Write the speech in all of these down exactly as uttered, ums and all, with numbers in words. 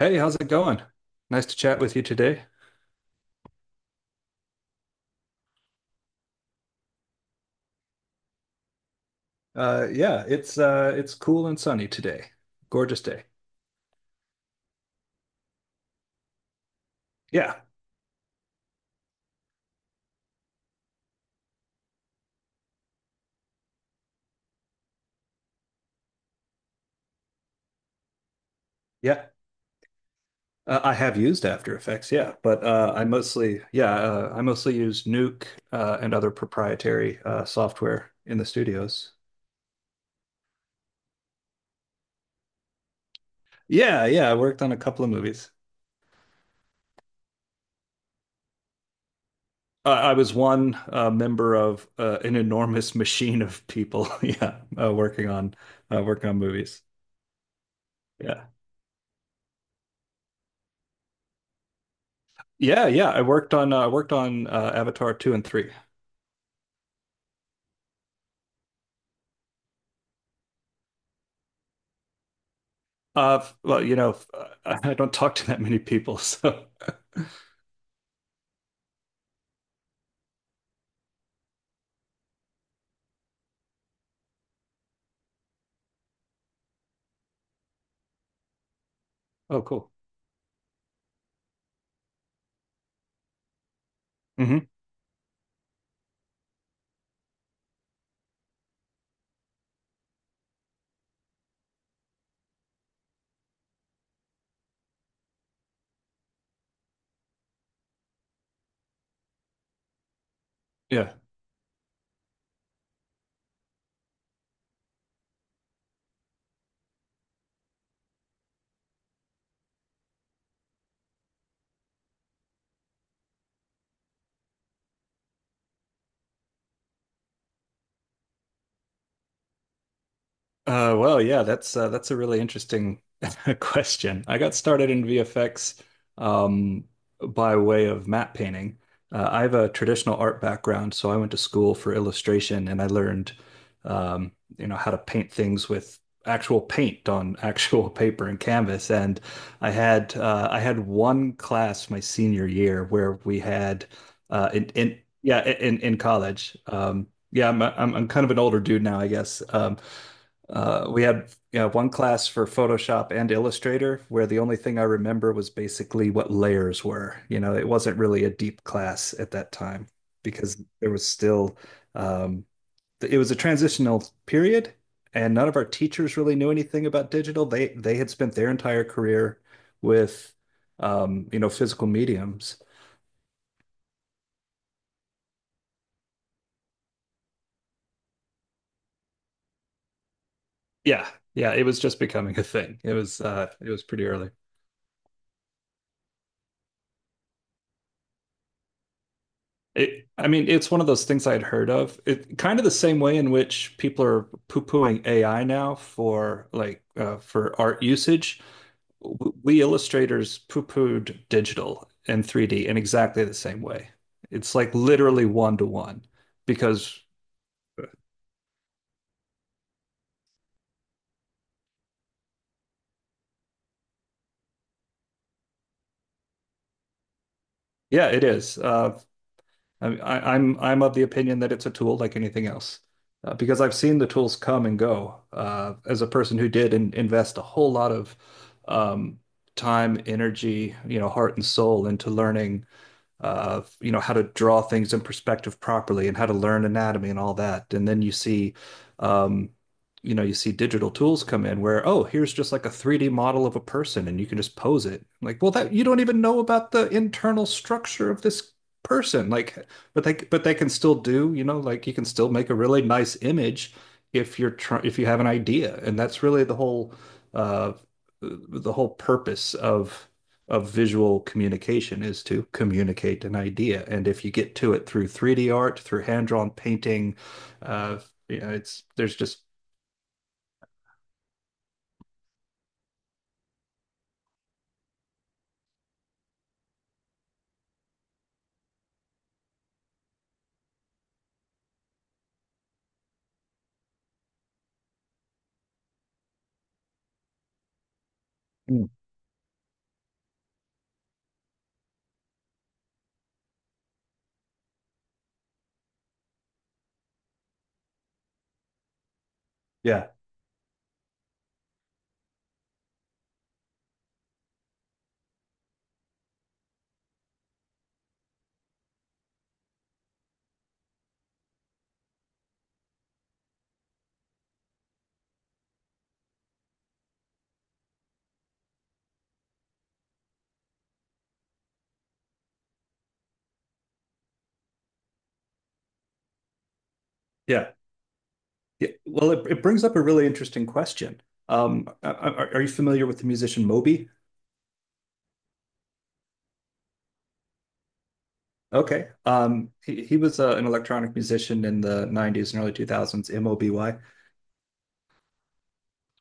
Hey, how's it going? Nice to chat with you today. Uh, yeah, it's uh, it's cool and sunny today. Gorgeous day. Yeah, yeah. Uh, I have used After Effects, yeah, but uh, I mostly, yeah, uh, I mostly use Nuke uh, and other proprietary uh, software in the studios. Yeah, yeah. I worked on a couple of movies. Uh, I was one uh, member of uh, an enormous machine of people. Yeah, uh, working on uh, working on movies. Yeah, yeah, yeah. I worked on uh, I worked on uh, Avatar two and three. Uh, well, you know, I don't talk to that many people, so. Oh, cool. Hmm. Yeah. Uh, well, yeah, that's uh, that's a really interesting question. I got started in V F X um, by way of matte painting. Uh, I have a traditional art background, so I went to school for illustration and I learned, um, you know, how to paint things with actual paint on actual paper and canvas. And I had uh, I had one class my senior year where we had uh, in, in yeah, in in college. Um, yeah, I'm, I'm I'm kind of an older dude now, I guess. Um, uh, we had, yeah, one class for Photoshop and Illustrator where the only thing I remember was basically what layers were. You know, it wasn't really a deep class at that time because there was still, um, it was a transitional period and none of our teachers really knew anything about digital. They they had spent their entire career with, um, you know, physical mediums. Yeah, yeah, it was just becoming a thing. It was uh, it was pretty early. It, I mean, it's one of those things I'd heard of. It kind of the same way in which people are poo-pooing A I now for like uh, for art usage. W- We illustrators poo-pooed digital and three D in exactly the same way. It's like literally one to one because yeah, it is. Uh, I, I, I'm I'm of the opinion that it's a tool like anything else, uh, because I've seen the tools come and go. Uh, as a person who did in, invest a whole lot of um, time, energy, you know, heart and soul into learning of you know how to draw things in perspective properly and how to learn anatomy and all that. And then you see, um, you know, you see digital tools come in where, oh, here's just like a three D model of a person and you can just pose it. Like, well, that you don't even know about the internal structure of this person. Like, but they but they can still do, you know, like you can still make a really nice image if you're trying if you have an idea. And that's really the whole uh the whole purpose of of visual communication is to communicate an idea. And if you get to it through three D art, through hand-drawn painting, uh, you know, it's there's just. Mm. Yeah, yeah, yeah. Well, it, it brings up a really interesting question. Um, are, are you familiar with the musician Moby? Okay. Um, he, he was uh, an electronic musician in the nineties and early two thousands. M O B Y.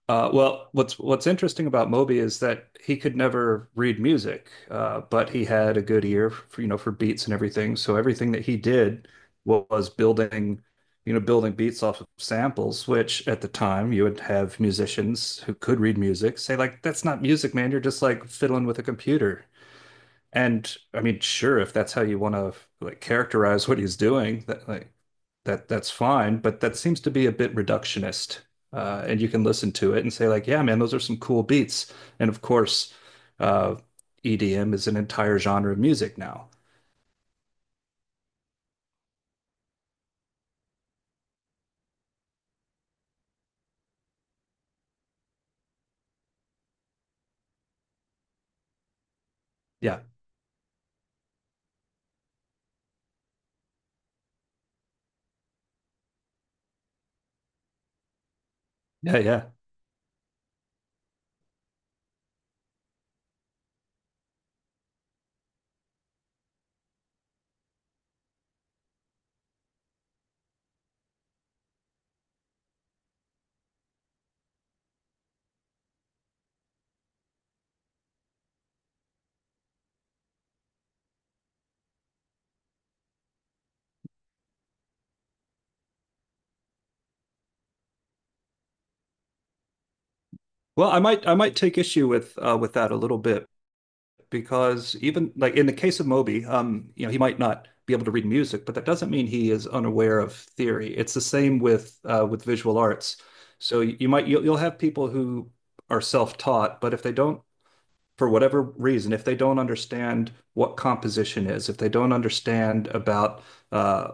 Uh, well, what's what's interesting about Moby is that he could never read music, uh, but he had a good ear for, you know, for beats and everything. So everything that he did was building, you know, building beats off of samples, which at the time you would have musicians who could read music say like, "That's not music, man. You're just like fiddling with a computer." And I mean, sure, if that's how you want to like characterize what he's doing, that like that that's fine, but that seems to be a bit reductionist. Uh, and you can listen to it and say like, "Yeah, man, those are some cool beats." And of course, uh, E D M is an entire genre of music now. Yeah, yeah, yeah. Well, I might I might take issue with uh, with that a little bit because even like in the case of Moby, um, you know, he might not be able to read music, but that doesn't mean he is unaware of theory. It's the same with uh, with visual arts. So you might you'll, you'll have people who are self-taught, but if they don't for whatever reason, if they don't understand what composition is, if they don't understand about uh,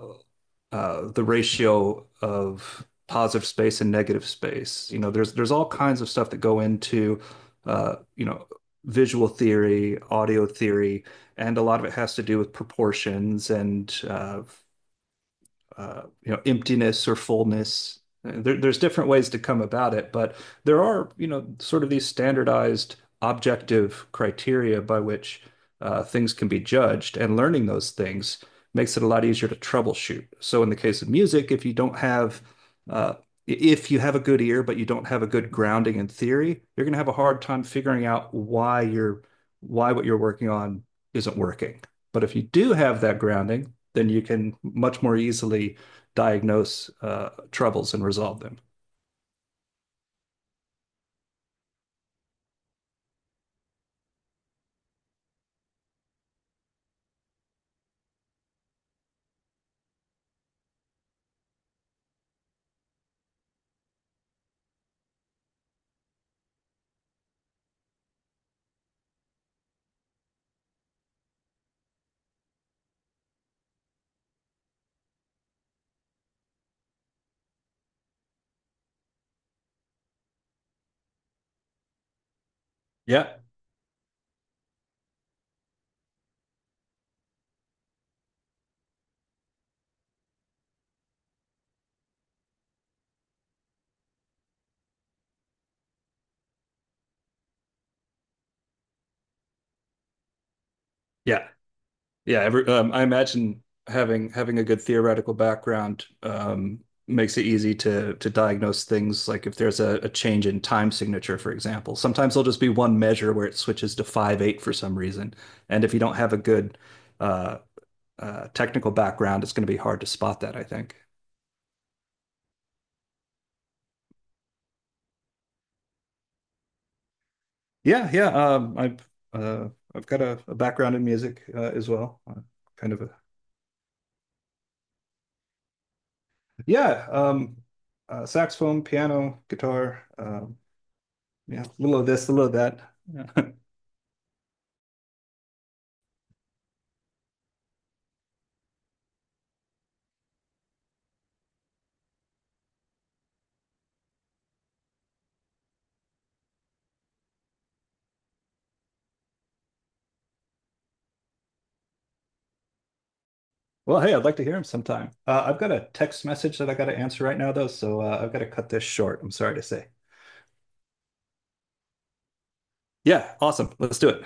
uh, the ratio of positive space and negative space, you know, there's there's all kinds of stuff that go into, uh, you know, visual theory, audio theory, and a lot of it has to do with proportions and uh, uh, you know, emptiness or fullness. There, there's different ways to come about it, but there are, you know, sort of these standardized objective criteria by which uh, things can be judged, and learning those things makes it a lot easier to troubleshoot. So in the case of music, if you don't have uh, if you have a good ear, but you don't have a good grounding in theory, you're going to have a hard time figuring out why you're why what you're working on isn't working. But if you do have that grounding, then you can much more easily diagnose uh, troubles and resolve them. Yeah. Yeah, yeah. Every, um, I imagine having having a good theoretical background um, makes it easy to to diagnose things like if there's a, a change in time signature, for example. Sometimes there'll just be one measure where it switches to five eight for some reason, and if you don't have a good uh, uh, technical background, it's going to be hard to spot that, I think. Yeah, yeah. Um, I've uh, I've got a, a background in music uh, as well. Uh, kind of a, yeah. Um, uh, saxophone, piano, guitar. Um, yeah, a little of this, a little of that. Yeah. Well, hey, I'd like to hear him sometime. Uh, I've got a text message that I got to answer right now, though, so uh, I've got to cut this short. I'm sorry to say. Yeah, awesome. Let's do it.